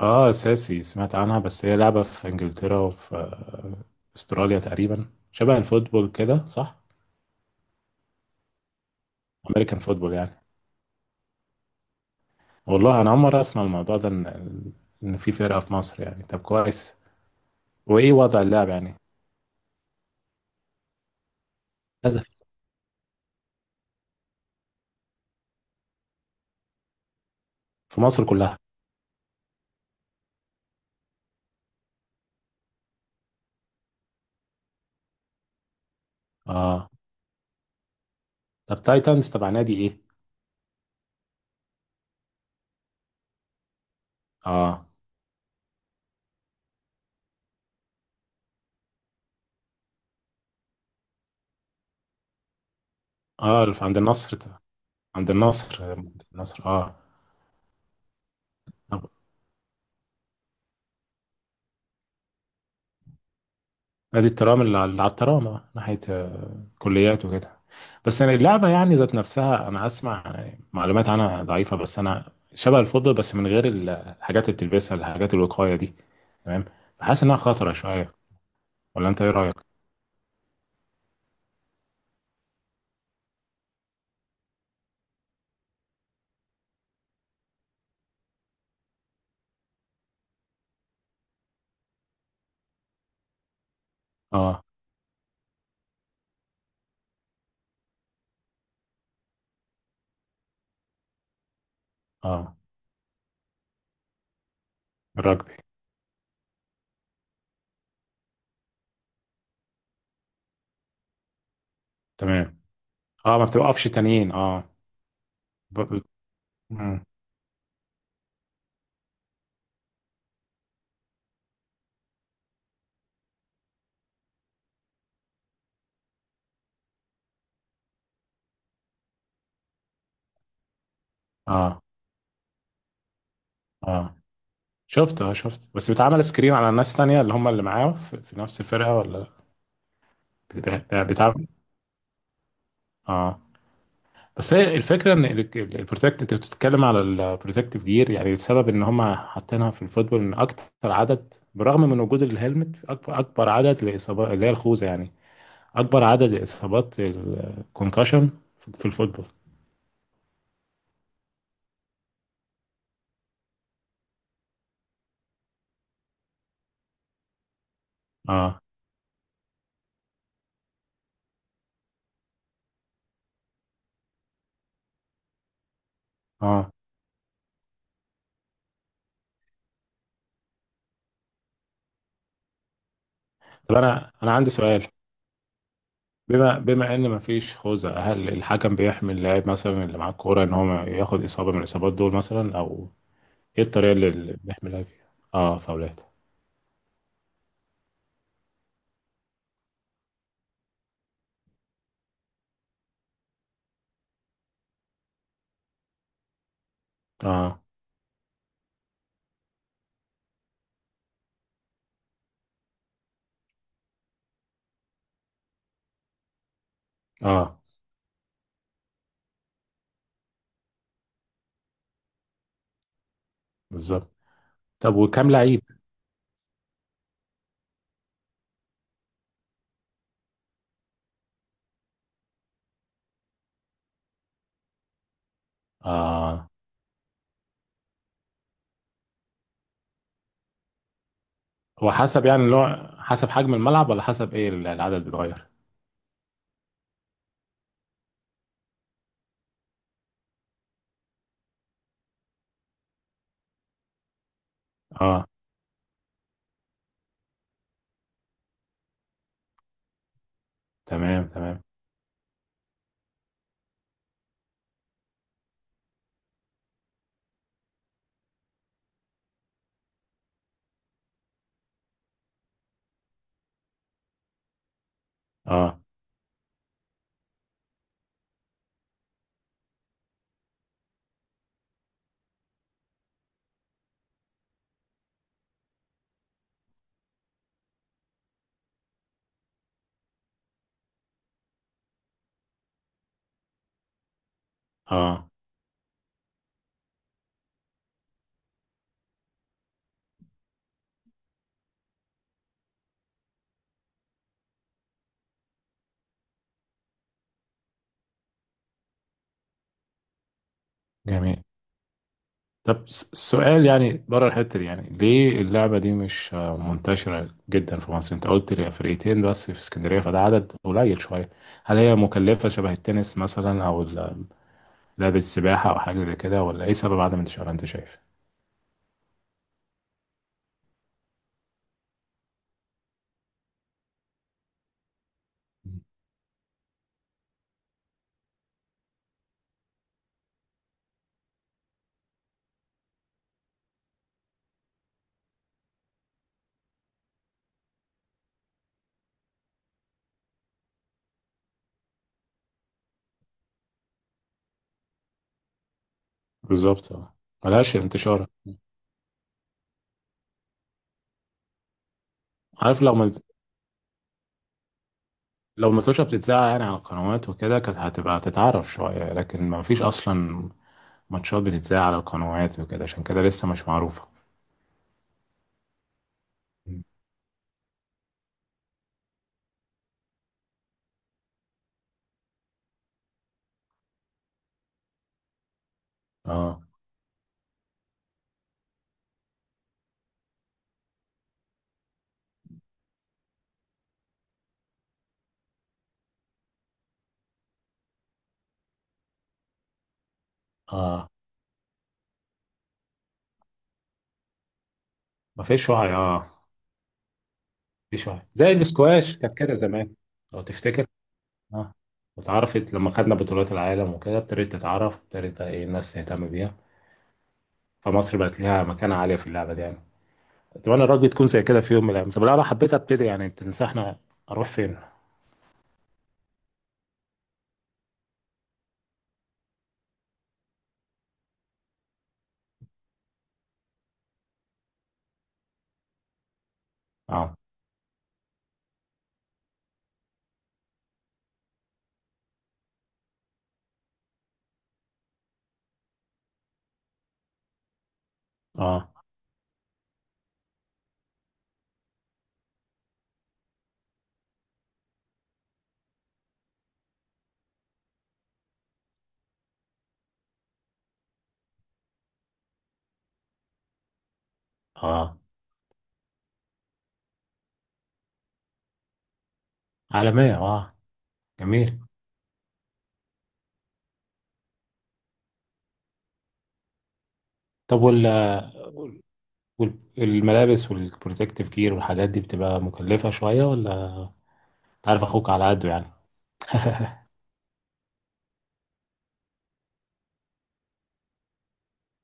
اه، اساسي سمعت عنها، بس هي لعبة في انجلترا وفي استراليا تقريبا. شبه الفوتبول كده، صح؟ امريكان فوتبول يعني. والله انا اول مرة اسمع الموضوع ده، ان في فرقة في مصر، يعني طب كويس. وايه وضع اللعب يعني؟ كذا. في مصر كلها؟ اه. طب تايتنز تبع نادي ايه؟ اه. اه، اللي في عند النصر، عند النصر، عند النصر، اه. طب نادي الترام، اللي على الترام، اه، ناحية كليات وكده. بس يعني اللعبة يعني ذات نفسها، أنا أسمع يعني معلومات عنها ضعيفة، بس أنا شبه الفضة، بس من غير الحاجات اللي بتلبسها، الحاجات الوقاية دي. تمام. بحس إنها خطرة شوية. ولا أنت إيه رأيك؟ اه. اه، الرجبي، تمام. اه، ما بتوقفش تانيين، اه. ب... ب... مم. اه. اه، شفت، اه شفت، بس بيتعمل سكرين على ناس تانية، اللي هم اللي معاه في نفس الفرقة، ولا؟ بتعمل. اه. بس هي الفكره ان البروتكت، انت بتتكلم على البروتكتيف جير، يعني السبب ان هم حاطينها في الفوتبول ان اكتر عدد برغم من وجود الهلمت، اكبر اكبر عدد لاصابات اللي هي الخوذه يعني، اكبر عدد لاصابات الكونكشن في الفوتبول. اه. اه، طب انا عندي سؤال، بما ان مفيش خوذه، هل الحكم بيحمي اللاعب مثلا اللي معاه الكوره ان هو ما ياخد اصابه من الاصابات دول، مثلا؟ او ايه الطريقه اللي بيحمي اللاعب فيها؟ اه، فاولات. اه. اه، بالظبط. طب وكام لعيب؟ اه. هو حسب يعني، اللي هو حسب حجم الملعب، ولا حسب ايه، العدد بيتغير؟ اه. تمام، تمام. اه. اه، جميل. طب سؤال يعني، بره الحتة دي، يعني ليه اللعبة دي مش منتشرة جدا في مصر؟ انت قلت لي فرقتين بس في اسكندرية، فده عدد قليل شوية. هل هي مكلفة شبه التنس مثلا، او لعبة السباحة، او حاجة زي كده؟ ولا ايه سبب عدم انتشارها انت شايف؟ بالظبط، اه، ملهاش انتشار. عارف، لو ما لو ماتوشة بتتذاع يعني على القنوات وكده كانت هتبقى تتعرف شوية، لكن ما فيش أصلا ماتشات بتتذاع على القنوات وكده، عشان كده لسه مش معروفة. اه. اه، ما فيش وعي. اه، ما فيش وعي زي الاسكواش كانت كده زمان، لو تفتكر. اه. واتعرفت لما خدنا بطولات العالم وكده، ابتدت تتعرف، ابتدت ايه، الناس تهتم بيها، فمصر بقت ليها مكانة عالية في اللعبة دي يعني. اتمنى الرugby تكون زي كده في يوم من الايام. طب لو انا حبيت ابتدي، يعني تنصحنا اروح فين؟ اه. اه. اه، عالمية، اه. جميل. طب والملابس والبروتكتيف جير والحاجات دي بتبقى مكلفة شوية ولا؟ انت عارف اخوك على قده يعني.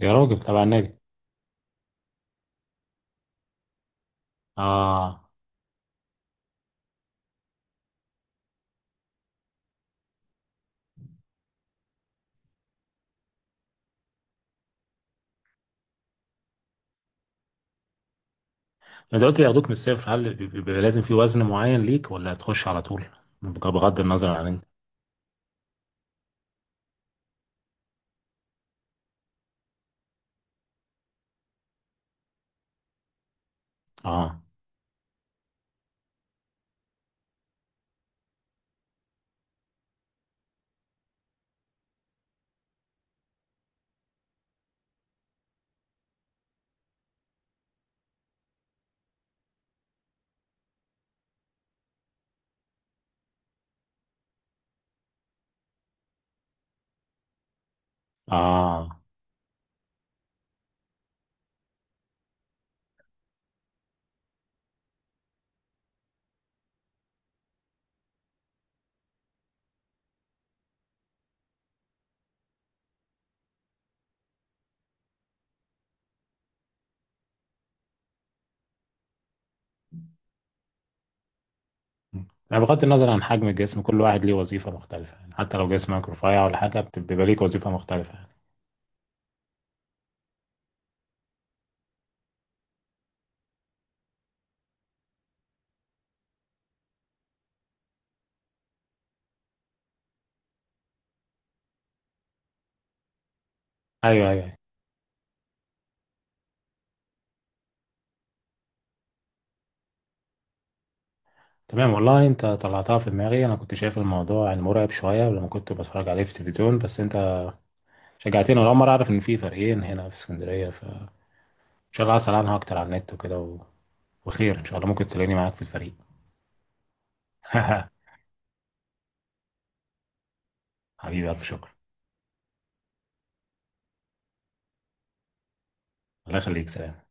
يا راجل تبع النادي. اه. انت قلت بياخدوك من الصفر، هل بيبقى لازم في وزن معين ليك ولا تخش على طول، بغض النظر عن انت؟ اه. اه، يعني بغض النظر عن حجم الجسم كل واحد ليه وظيفة مختلفة يعني، حتى لو جسمك رفيع ولا حاجة بيبقى ليك وظيفة مختلفة يعني. ايوه، ايوه، أيوة. تمام، والله انت طلعتها في دماغي. انا كنت شايف الموضوع يعني مرعب شويه لما كنت بتفرج عليه في التلفزيون، بس انت شجعتني. ولا مرة أعرف إن في فريقين هنا في اسكندرية، فإن شاء الله هسأل عنها أكتر على النت وكده وخير إن شاء الله، ممكن تلاقيني معاك في الفريق. حبيبي، ألف شكر. الله يخليك، سلام.